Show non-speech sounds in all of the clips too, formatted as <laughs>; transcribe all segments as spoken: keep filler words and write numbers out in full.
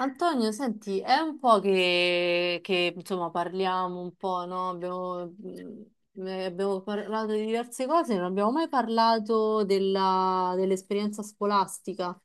Antonio, senti, è un po' che, che, insomma parliamo un po', no? Abbiamo, mm, eh, abbiamo parlato di diverse cose, non abbiamo mai parlato della- dell'esperienza scolastica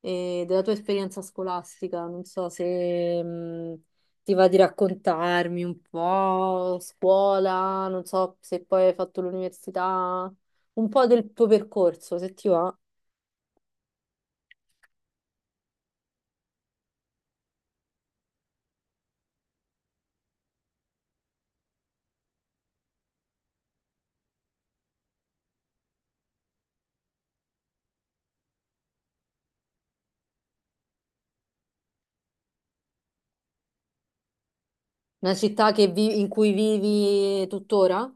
e della tua esperienza scolastica. Non so se, mm, ti va di raccontarmi un po' scuola, non so se poi hai fatto l'università, un po' del tuo percorso, se ti va. Una città che vi- in cui vivi tuttora?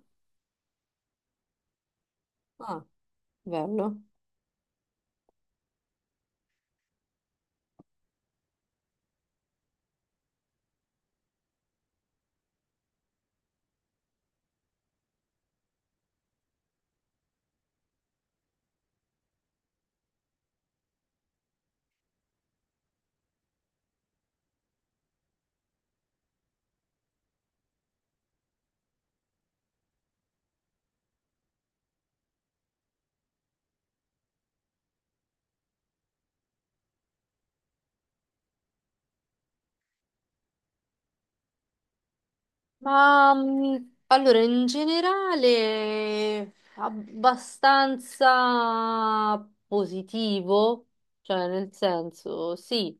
Ah, bello. Ma mh, allora, in generale abbastanza positivo, cioè nel senso, sì,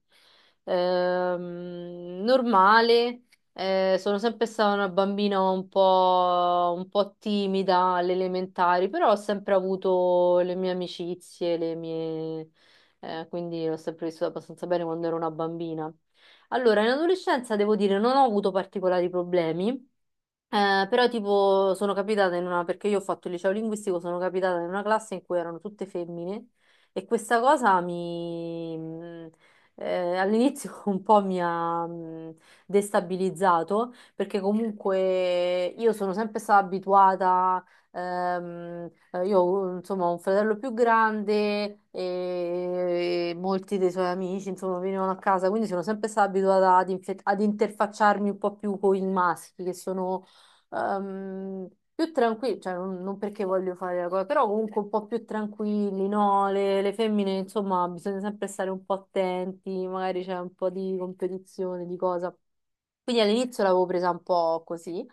ehm, normale, eh, sono sempre stata una bambina un po', un po' timida alle elementari, però ho sempre avuto le mie amicizie, le mie, eh, quindi l'ho sempre vissuta abbastanza bene quando ero una bambina. Allora, in adolescenza devo dire non ho avuto particolari problemi, eh, però tipo sono capitata in una, perché io ho fatto il liceo linguistico, sono capitata in una classe in cui erano tutte femmine e questa cosa mi, mh, eh, all'inizio <laughs> un po' mi ha mh, destabilizzato perché comunque io sono sempre stata abituata, ehm, eh, io ho, insomma ho un fratello più grande e molti dei suoi amici insomma venivano a casa, quindi sono sempre stata abituata ad, infe- ad interfacciarmi un po' più con i maschi che sono ehm, più tranquilli, cioè non, non perché voglio fare la cosa, però comunque un po' più tranquilli, no? Le, le femmine, insomma, bisogna sempre stare un po' attenti, magari c'è un po' di competizione, di cosa. Quindi all'inizio l'avevo presa un po' così,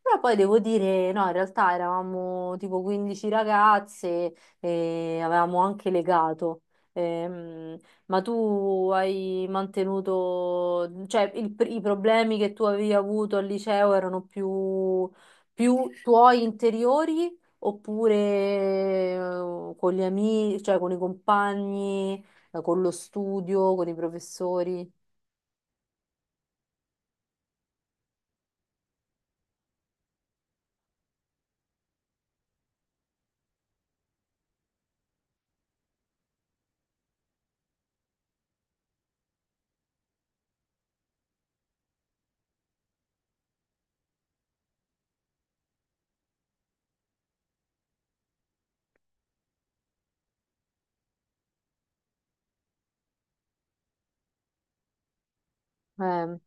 però poi devo dire, no, in realtà eravamo tipo quindici ragazze e avevamo anche legato. Ehm, ma tu hai mantenuto, cioè il pr- i problemi che tu avevi avuto al liceo erano più, più tuoi interiori oppure eh, con gli amici, cioè con i compagni, eh, con lo studio, con i professori? Eh.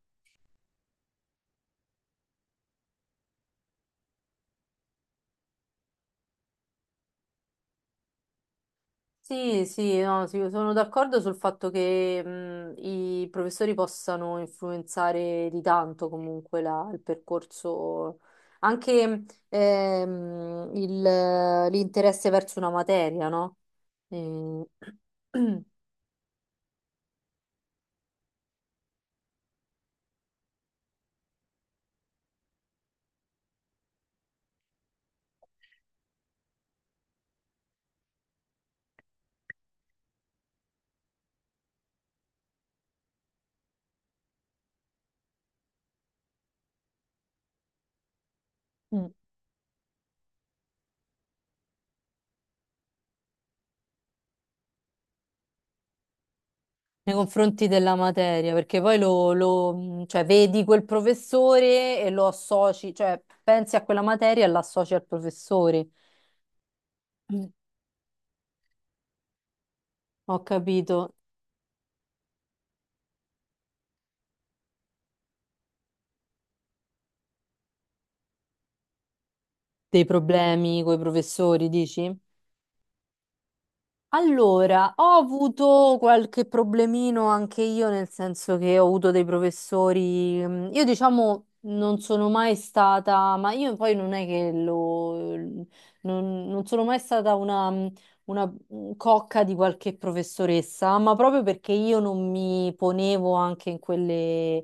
Sì, sì, no, sì, sono d'accordo sul fatto che mh, i professori possano influenzare di tanto comunque la- il percorso, anche mhmm, ehm, il- l'interesse verso una materia, no? Eh, <clears throat> Mm. Nei confronti della materia, perché poi lo, lo, mh, cioè, vedi quel professore e lo associ, cioè pensi a quella materia e l'associ al professore. Mm. Ho capito. Dei problemi coi professori, dici? Allora, ho avuto qualche problemino anche io, nel senso che ho avuto dei professori, mm, io diciamo non sono mai stata, ma io poi non è che lo, non, non sono mai stata una, mhmm, una mhmm, cocca di qualche professoressa, ma proprio perché io non mi ponevo anche in quelle,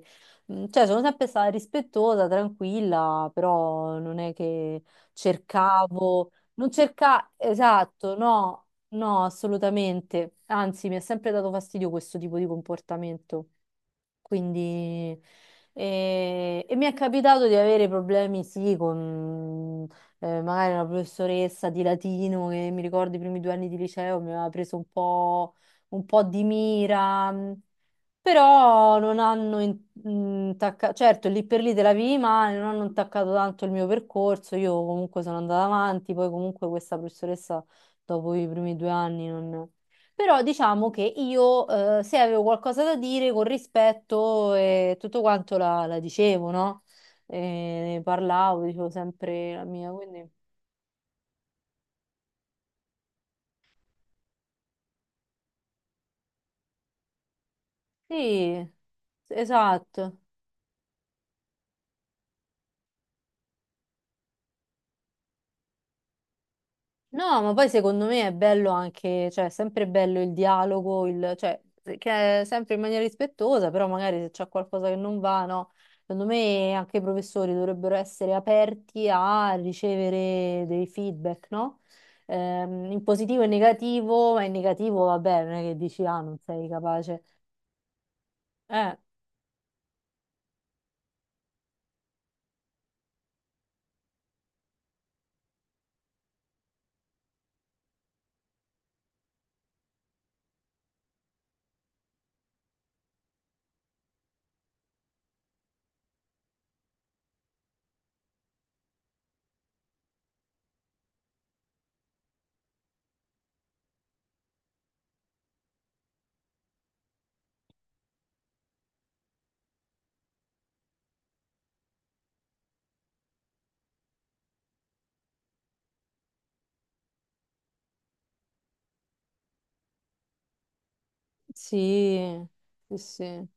mm, cioè sono sempre stata rispettosa, tranquilla, però non è che cercavo. Non cerca, esatto, no. No, assolutamente. Anzi, mi ha sempre dato fastidio questo tipo di comportamento. Quindi, eh, e mi è capitato di avere problemi, sì, con eh, magari una professoressa di latino che mi ricordo i primi due anni di liceo mi aveva preso un po', un po' di mira. Mm, però non hanno in- intaccato, certo, lì per lì te la vivi male, non hanno intaccato tanto il mio percorso, io comunque sono andata avanti, poi comunque questa professoressa dopo i primi due anni non... Però diciamo che io eh, se avevo qualcosa da dire con rispetto e tutto quanto la, la dicevo, no? E ne parlavo, dicevo sempre la mia, quindi sì, esatto. No, ma poi secondo me è bello anche, cioè, è sempre bello il dialogo, il, cioè, che è sempre in maniera rispettosa, però magari se c'è qualcosa che non va, no? Secondo me anche i professori dovrebbero essere aperti a ricevere dei feedback, no? Ehm, in positivo e negativo, ma in negativo, vabbè, non è che dici, ah, non sei capace. Eh, sì, sì, sì.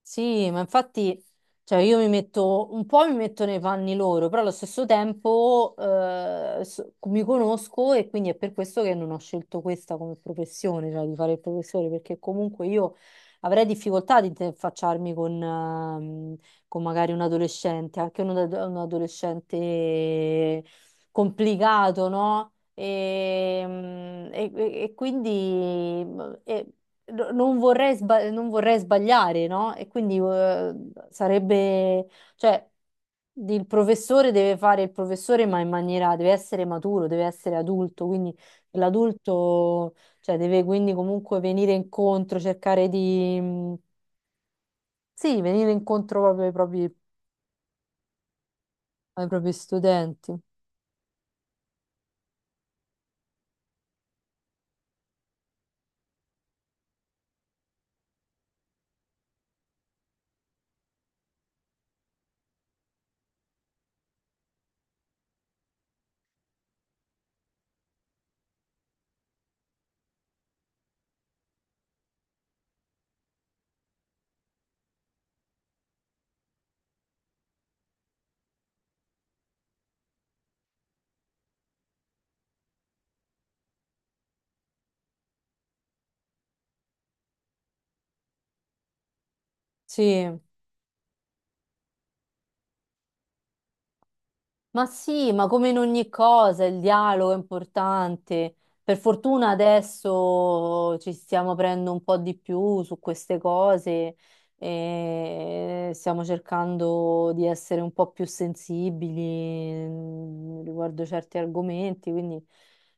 Sì, ma infatti, cioè io mi metto un po' mi metto nei panni loro, però allo stesso tempo eh, so- mi conosco e quindi è per questo che non ho scelto questa come professione, cioè di fare il professore, perché comunque io avrei difficoltà ad interfacciarmi con, ehm, con magari un adolescente, anche un, ad- un adolescente complicato, no? E, mm, e- e- e quindi no- non vorrei, sba- non vorrei sbagliare, no? E quindi eh, sarebbe, cioè, il professore deve fare il professore, ma in maniera, deve essere maturo, deve essere adulto, quindi l'adulto, cioè, deve quindi comunque venire incontro, cercare di, mh, sì, venire incontro proprio ai propri, ai propri studenti. Sì. Ma sì, ma come in ogni cosa il dialogo è importante. Per fortuna adesso ci stiamo aprendo un po' di più su queste cose e stiamo cercando di essere un po' più sensibili mm, riguardo certi argomenti, quindi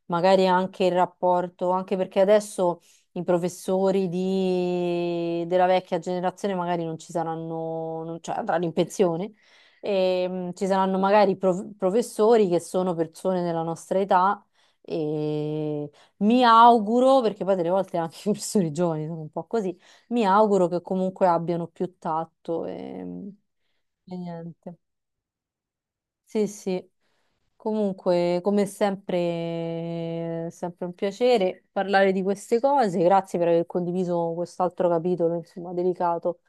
magari anche il rapporto, anche perché adesso i professori di- della vecchia generazione magari non ci saranno, non- cioè andranno in pensione. E, mh, ci saranno magari prov- professori che sono persone della nostra età e mi auguro, perché poi delle volte anche i professori giovani sono un po' così, mi auguro che comunque abbiano più tatto e, mh, e niente. Sì, sì. Comunque, come sempre, è sempre un piacere parlare di queste cose. Grazie per aver condiviso quest'altro capitolo, insomma, delicato.